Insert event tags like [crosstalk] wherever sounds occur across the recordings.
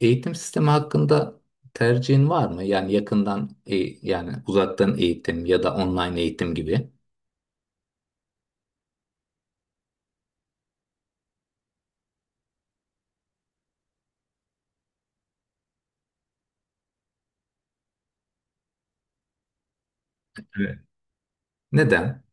Eğitim sistemi hakkında tercihin var mı? Yani yakından, yani uzaktan eğitim ya da online eğitim gibi. Evet. Neden?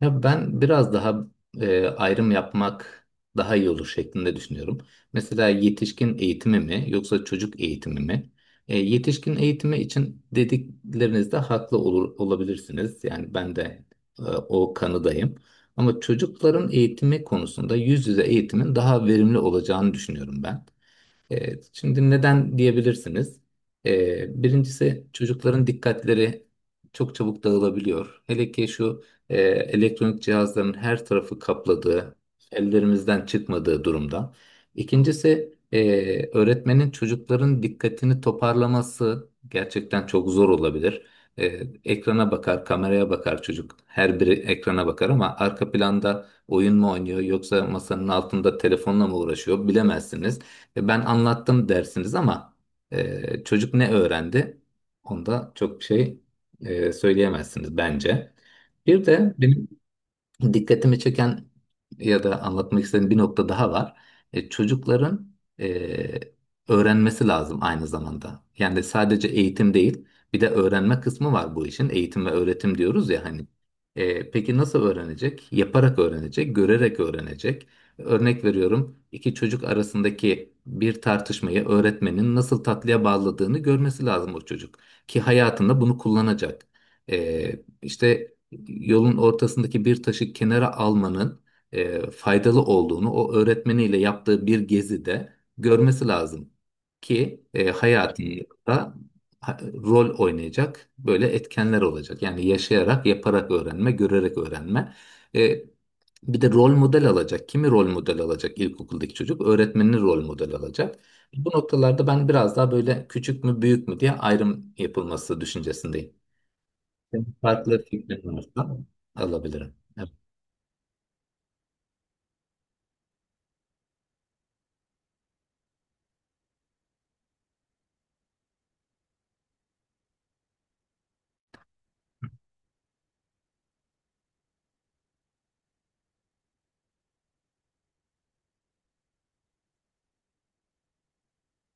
Ya ben biraz daha ayrım yapmak daha iyi olur şeklinde düşünüyorum. Mesela yetişkin eğitimi mi yoksa çocuk eğitimi mi? Yetişkin eğitimi için dediklerinizde haklı olur, olabilirsiniz. Yani ben de o kanıdayım. Ama çocukların eğitimi konusunda yüz yüze eğitimin daha verimli olacağını düşünüyorum ben. Evet, şimdi neden diyebilirsiniz? Birincisi çocukların dikkatleri çok çabuk dağılabiliyor. Hele ki şu elektronik cihazların her tarafı kapladığı, ellerimizden çıkmadığı durumda. İkincisi öğretmenin çocukların dikkatini toparlaması gerçekten çok zor olabilir. E, Ekrana bakar, kameraya bakar çocuk. Her biri ekrana bakar ama arka planda oyun mu oynuyor yoksa masanın altında telefonla mı uğraşıyor bilemezsiniz. Ben anlattım dersiniz ama çocuk ne öğrendi? Onda çok bir şey söyleyemezsiniz bence. Bir de benim dikkatimi çeken ya da anlatmak istediğim bir nokta daha var. Çocukların e, öğrenmesi lazım aynı zamanda. Yani sadece eğitim değil, bir de öğrenme kısmı var bu işin. Eğitim ve öğretim diyoruz ya hani. Peki nasıl öğrenecek? Yaparak öğrenecek, görerek öğrenecek. Örnek veriyorum, iki çocuk arasındaki bir tartışmayı öğretmenin nasıl tatlıya bağladığını görmesi lazım o çocuk. Ki hayatında bunu kullanacak. İşte yolun ortasındaki bir taşı kenara almanın faydalı olduğunu o öğretmeniyle yaptığı bir gezide görmesi lazım ki hayatında rol oynayacak böyle etkenler olacak. Yani yaşayarak, yaparak öğrenme, görerek öğrenme. E, Bir de rol model alacak. Kimi rol model alacak ilkokuldaki çocuk? Öğretmenini rol model alacak. Bu noktalarda ben biraz daha böyle küçük mü büyük mü diye ayrım yapılması düşüncesindeyim. Senin farklı fikrin varsa alabilirim. Evet.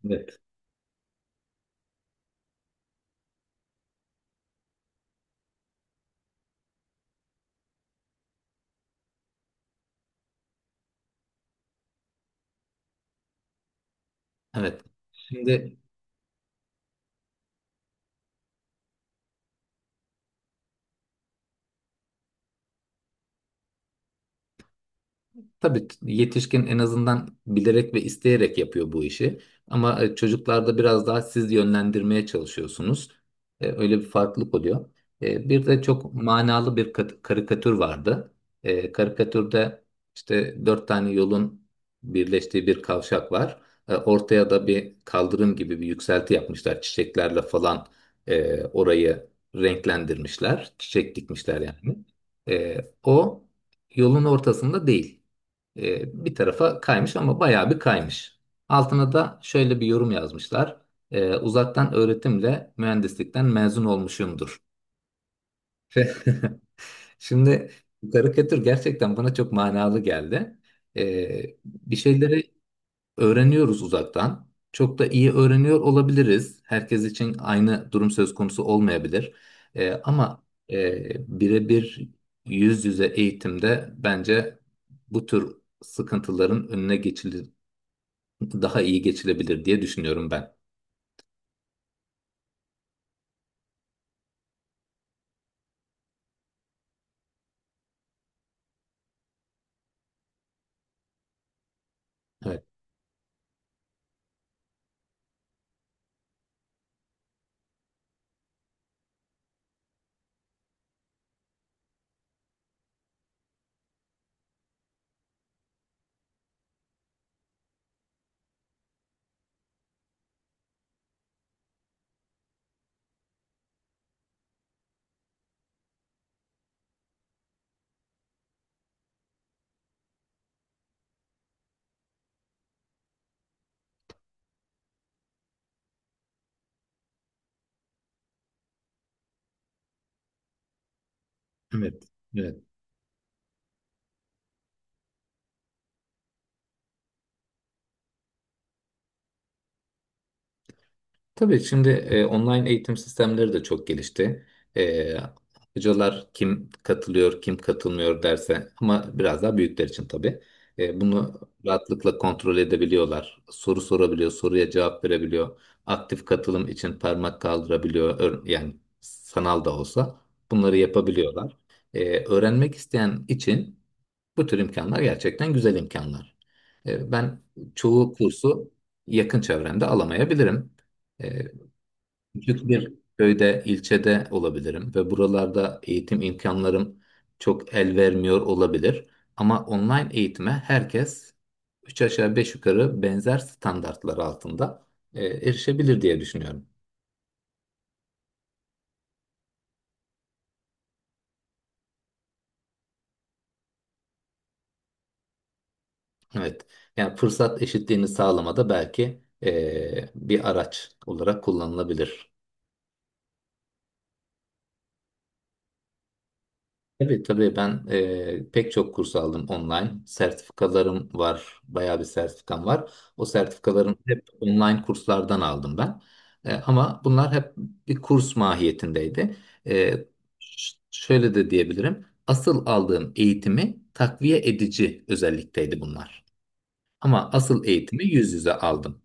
Evet. Evet. Şimdi tabii yetişkin en azından bilerek ve isteyerek yapıyor bu işi. Ama çocuklarda biraz daha siz yönlendirmeye çalışıyorsunuz. Öyle bir farklılık oluyor. Bir de çok manalı bir karikatür vardı. Karikatürde işte dört tane yolun birleştiği bir kavşak var. Ortaya da bir kaldırım gibi bir yükselti yapmışlar. Çiçeklerle falan orayı renklendirmişler. Çiçek dikmişler yani. E, O yolun ortasında değil. Bir tarafa kaymış ama bayağı bir kaymış. Altına da şöyle bir yorum yazmışlar. Uzaktan öğretimle mühendislikten mezun olmuşumdur. Ve [laughs] Şimdi bu karikatür gerçekten bana çok manalı geldi. Bir şeyleri öğreniyoruz uzaktan. Çok da iyi öğreniyor olabiliriz. Herkes için aynı durum söz konusu olmayabilir. E, ama birebir yüz yüze eğitimde bence bu tür sıkıntıların önüne daha iyi geçilebilir diye düşünüyorum ben. Evet, evet. Evet. Tabii şimdi online eğitim sistemleri de çok gelişti. E, Hocalar kim katılıyor, kim katılmıyor derse, ama biraz daha büyükler için tabii. Bunu rahatlıkla kontrol edebiliyorlar. Soru sorabiliyor, soruya cevap verebiliyor. Aktif katılım için parmak kaldırabiliyor. Yani sanal da olsa bunları yapabiliyorlar. Öğrenmek isteyen için bu tür imkanlar gerçekten güzel imkanlar. Ben çoğu kursu yakın çevremde alamayabilirim. E, Küçük bir köyde, ilçede olabilirim ve buralarda eğitim imkanlarım çok el vermiyor olabilir. Ama online eğitime herkes 3 aşağı 5 yukarı benzer standartlar altında erişebilir diye düşünüyorum. Evet, yani fırsat eşitliğini sağlamada belki bir araç olarak kullanılabilir. Tabii tabii, ben pek çok kurs aldım online. Sertifikalarım var. Bayağı bir sertifikam var. O sertifikalarımı hep online kurslardan aldım ben. Ama bunlar hep bir kurs mahiyetindeydi. E, Şöyle de diyebilirim. Asıl aldığım eğitimi takviye edici özellikteydi bunlar. Ama asıl eğitimi yüz yüze aldım.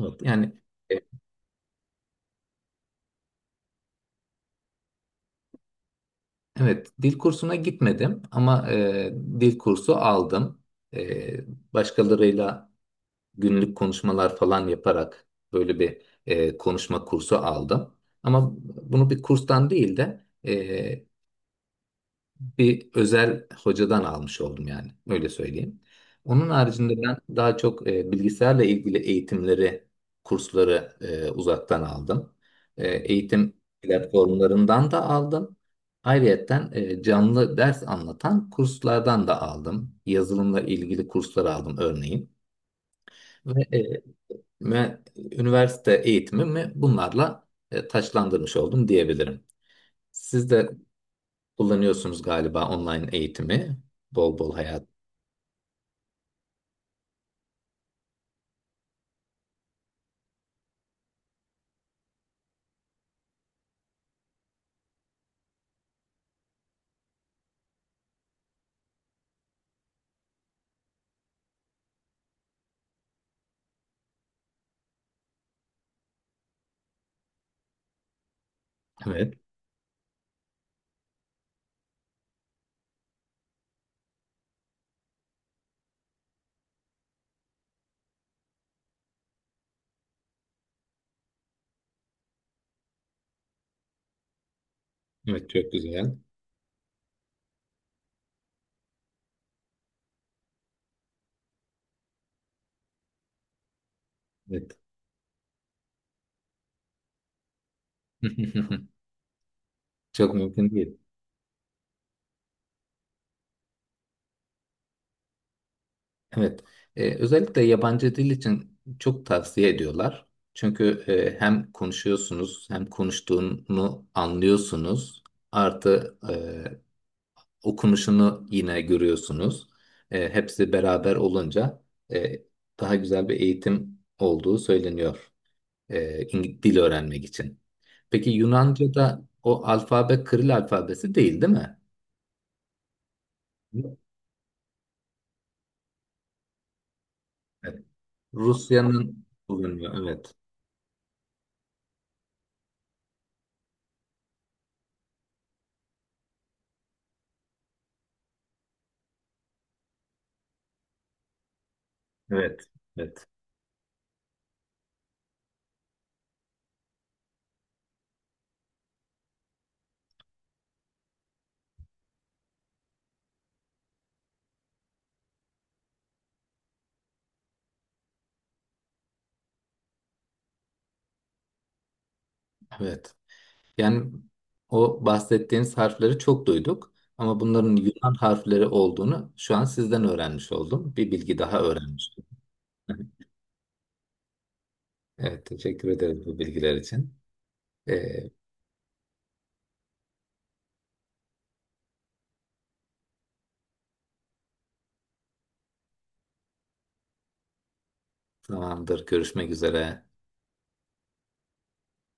Evet, yani e, evet, dil kursuna gitmedim ama dil kursu aldım. Başkalarıyla günlük konuşmalar falan yaparak böyle bir konuşma kursu aldım. Ama bunu bir kurstan değil de bir özel hocadan almış oldum, yani öyle söyleyeyim. Onun haricinde ben daha çok bilgisayarla ilgili eğitimleri, kursları uzaktan aldım. Eğitim platformlarından da aldım. Ayrıyeten canlı ders anlatan kurslardan da aldım. Yazılımla ilgili kurslar aldım örneğin. ve e, Ve üniversite eğitimimi bunlarla taçlandırmış oldum diyebilirim. Siz de kullanıyorsunuz galiba online eğitimi. Bol bol hayat. Evet. Evet, çok güzel. Evet. [laughs] Çok mümkün değil. Evet. Özellikle yabancı dil için çok tavsiye ediyorlar. Çünkü hem konuşuyorsunuz hem konuştuğunu anlıyorsunuz. Artı okunuşunu yine görüyorsunuz. Hepsi beraber olunca e, daha güzel bir eğitim olduğu söyleniyor dil öğrenmek için. Peki Yunanca'da o alfabe Kiril alfabesi değil, değil mi? Yok. Evet. Rusya'nın kullanıyor. Evet. Evet. Evet. Evet. Yani o bahsettiğiniz harfleri çok duyduk ama bunların Yunan harfleri olduğunu şu an sizden öğrenmiş oldum. Bir bilgi daha öğrenmiş oldum. Evet, teşekkür ederiz bu bilgiler için. Ee, Zamandır görüşmek üzere.